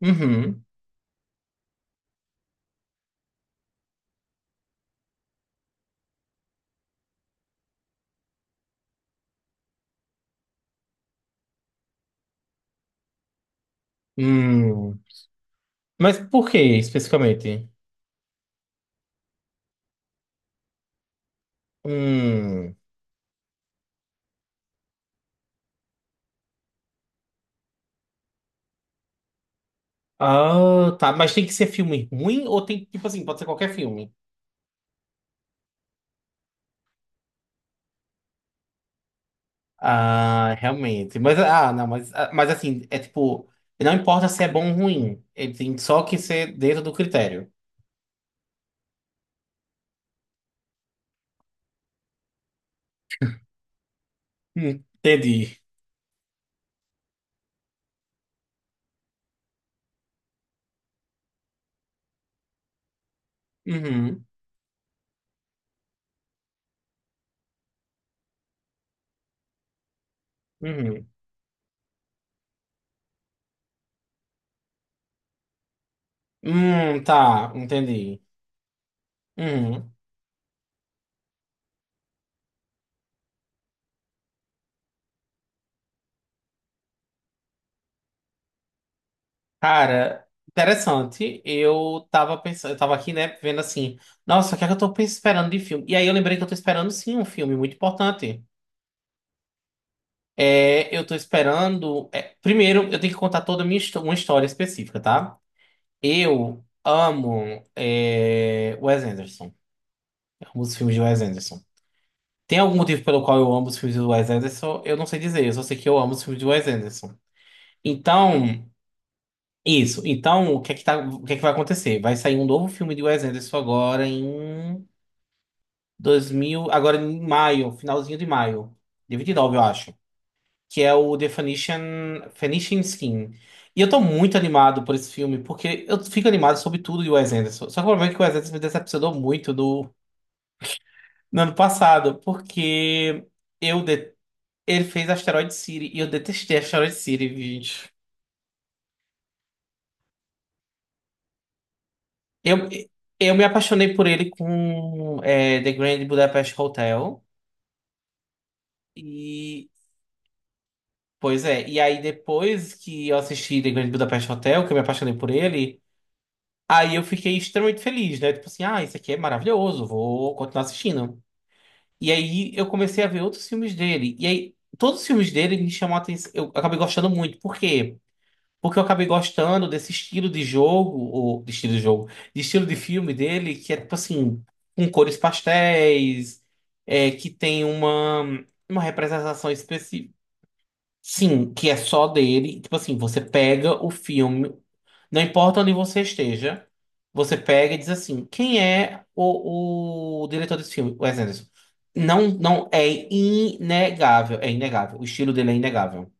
Uhum. Hum. Mas por que especificamente? Hum. Ah, tá. Mas tem que ser filme ruim ou tem, tipo assim, pode ser qualquer filme? Ah, realmente. Mas, ah, não, mas, ah, mas assim, é tipo, não importa se é bom ou ruim, ele tem só que ser dentro do critério. Hum, entendi. Uhum, uhum. Tá, entendi. Uhum. Cara, interessante. Eu tava pensando, eu tava aqui, né, vendo assim, nossa, o que é que esperando de filme? E aí eu lembrei que eu tô esperando sim um filme muito importante. É, eu tô esperando. É, primeiro, eu tenho que contar toda a uma história específica, tá? Eu amo Wes Anderson. Eu amo os filmes de Wes Anderson. Tem algum motivo pelo qual eu amo os filmes de Wes Anderson? Eu não sei dizer, eu só sei que eu amo os filmes de Wes Anderson. Então. Isso. Então, o que é que tá, o que é que vai acontecer? Vai sair um novo filme de Wes Anderson agora em agora em maio, finalzinho de maio, de 29, eu acho, que é o The Phoenician, Phoenician Skin. E eu tô muito animado por esse filme, porque eu fico animado sobre tudo de Wes Anderson. Só que o problema é que o Wes Anderson me decepcionou muito no ano passado, porque eu de- ele fez Asteroid City e eu detestei Asteroid City, gente. Eu, eu me apaixonei por ele com The Grand Budapest Hotel. E, pois é, e aí depois que eu assisti The Grand Budapest Hotel, que eu me apaixonei por ele, aí eu fiquei extremamente feliz, né? Tipo assim, ah, isso aqui é maravilhoso, vou continuar assistindo. E aí eu comecei a ver outros filmes dele. E aí, todos os filmes dele me chamam a atenção, eu acabei gostando muito. Por quê? Porque eu acabei gostando desse estilo de jogo, ou de estilo de jogo, de estilo de filme dele, que é tipo assim, com cores pastéis, é, que tem uma representação específica. Sim, que é só dele. Tipo assim, você pega o filme, não importa onde você esteja, você pega e diz assim: quem é o diretor desse filme? Wes Anderson. Não, não, é inegável, é inegável. O estilo dele é inegável.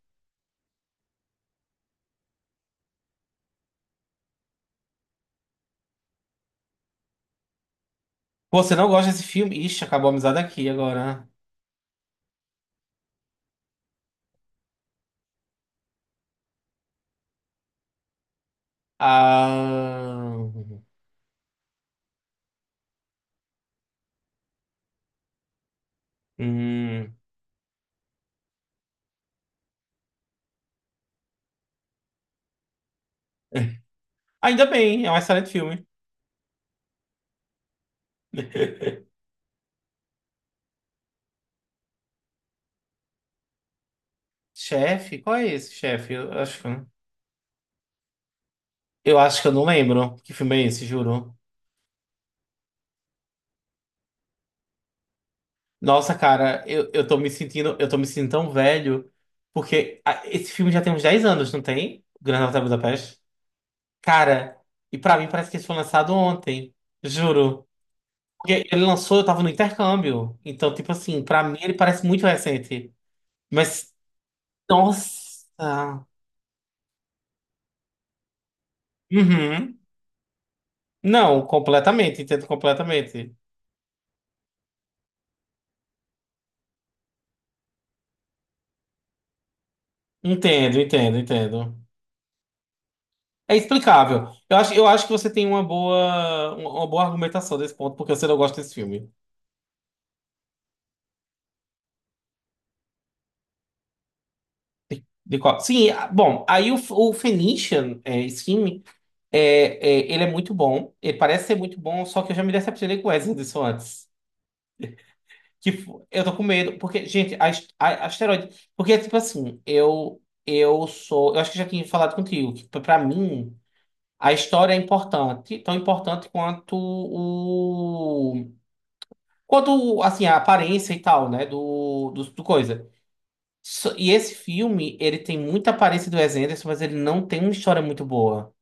Pô, você não gosta desse filme? Ixi, acabou a amizade aqui agora. Ah, hum. Ainda bem, é um excelente filme. Chefe? Qual é esse, chefe? Eu acho que eu não lembro que filme é esse, juro. Nossa, cara, eu tô me sentindo, tão velho, porque ah, esse filme já tem uns 10 anos, não tem? Grande Hotel Budapeste. Cara, e pra mim parece que esse foi lançado ontem, juro. Porque ele lançou, eu tava no intercâmbio. Então, tipo assim, pra mim ele parece muito recente. Mas, nossa. Uhum. Não, completamente. Entendo, entendo, entendo. É explicável. Eu acho que você tem uma boa argumentação desse ponto, porque você não gosta desse filme. De qual... Sim, ah, bom, aí o, o Phoenician, é, esse filme, é, ele é muito bom. Ele parece ser muito bom, só que eu já me decepcionei com o Wes Anderson antes. Que f- eu tô com medo, porque, gente, asteroide. Porque, tipo assim, eu sou. Eu acho que já tinha falado contigo, que pra mim. A história é importante, tão importante quanto o quanto assim a aparência e tal, né, do do coisa. E esse filme, ele tem muita aparência do Wes Anderson, mas ele não tem uma história muito boa.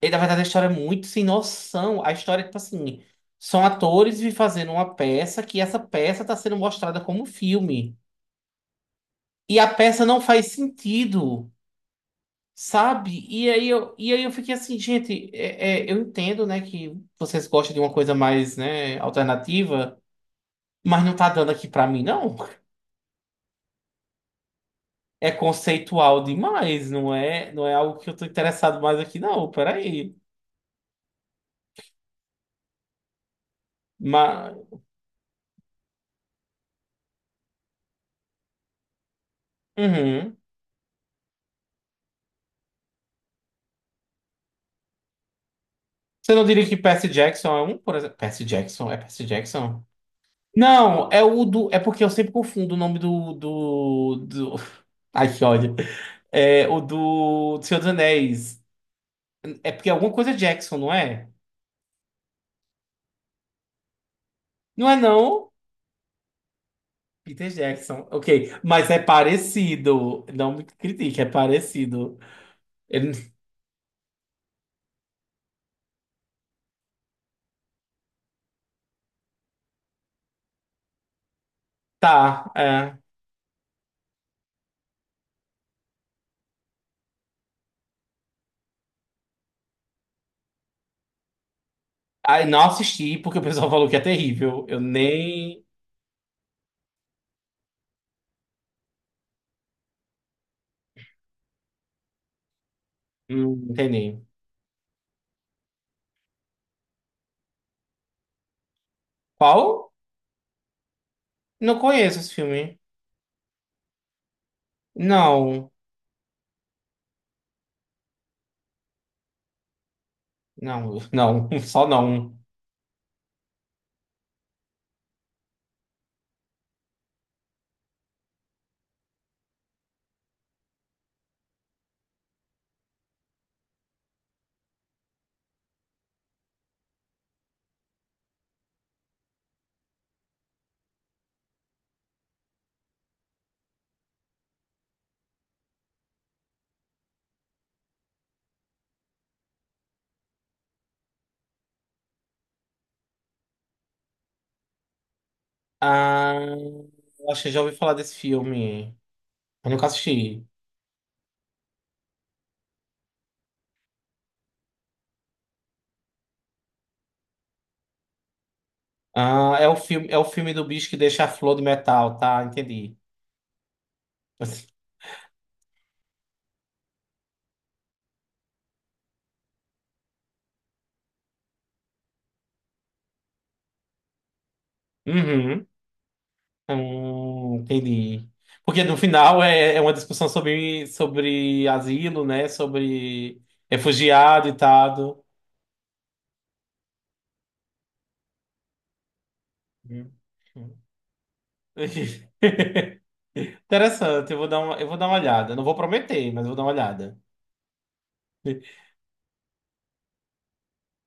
Ele, na verdade, a história é muito sem noção. A história é tipo assim, são atores fazendo uma peça que essa peça está sendo mostrada como filme. E a peça não faz sentido. Sabe? E aí eu fiquei assim, gente, eu entendo, né, que vocês gostam de uma coisa mais, né, alternativa, mas não tá dando aqui pra mim, não. É conceitual demais, não é algo que eu tô interessado mais aqui, não. Peraí. Mas, uhum. Você não diria que Percy Jackson é um, por exemplo? Percy Jackson, é Percy Jackson? Não, é o do. É porque eu sempre confundo o nome do. Ai, que ódio. É o do Senhor dos Anéis. É porque é alguma coisa Jackson, não é? Não é não? Peter Jackson, ok. Mas é parecido. Não me critique, é parecido. Ele- Tá, é. Ai, não assisti porque o pessoal falou que é terrível. Eu nem. Não entendi. Qual? Não conheço esse filme. Não, não, não, só não. Ah, eu acho que já ouvi falar desse filme. Eu nunca assisti. Ah, é o filme do bicho que deixa a flor de metal, tá? Entendi. Uhum. Entendi. Porque no final é uma discussão sobre, sobre asilo, né? Sobre refugiado e tal. Hum. Hum. Interessante, eu vou dar uma, eu vou dar uma olhada. Não vou prometer, mas vou dar uma olhada.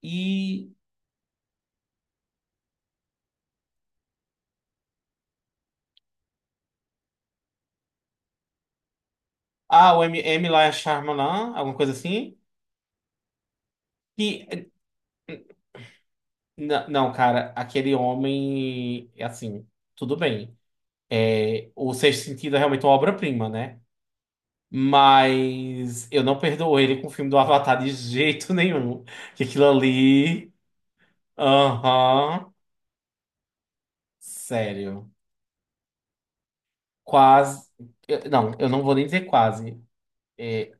E. Ah, o M, M. lá é Shyamalan, alguma coisa assim. Que. Não, cara, aquele homem. É assim, tudo bem. É, o Sexto Sentido é realmente uma obra-prima, né? Mas eu não perdoo ele com o filme do Avatar de jeito nenhum. Que aquilo ali. Aham. Sério. Quase. Não, eu não vou nem dizer quase. É,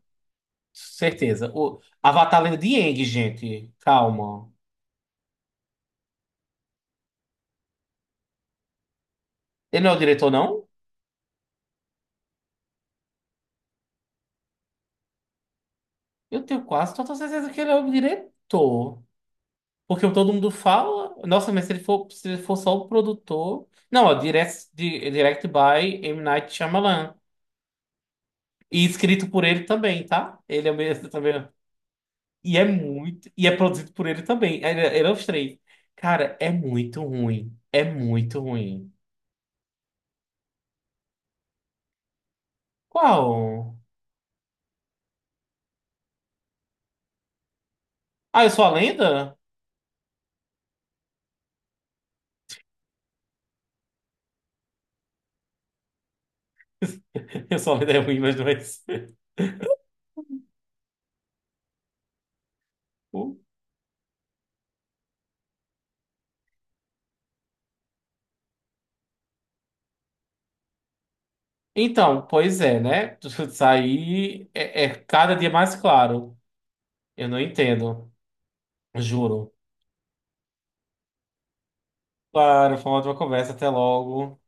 certeza. O Avatar Lenda de Aang, gente. Calma. Ele não é o diretor, não? Eu tenho quase toda certeza que ele é o diretor. Porque todo mundo fala. Nossa, mas se ele for, só o produtor. Não, ó, direct by M. Night Shyamalan. E escrito por ele também, tá? Ele é o mesmo também. E é muito. E é produzido por ele também. Ele é os três. Cara, é muito ruim. É muito ruim. Qual? Ah, eu sou a lenda? Eu sou a lenda é ruim, mas não é isso. Então, pois é, né? Isso aí é, é cada dia mais claro. Eu não entendo. Juro. Claro, foi uma ótima conversa. Até logo.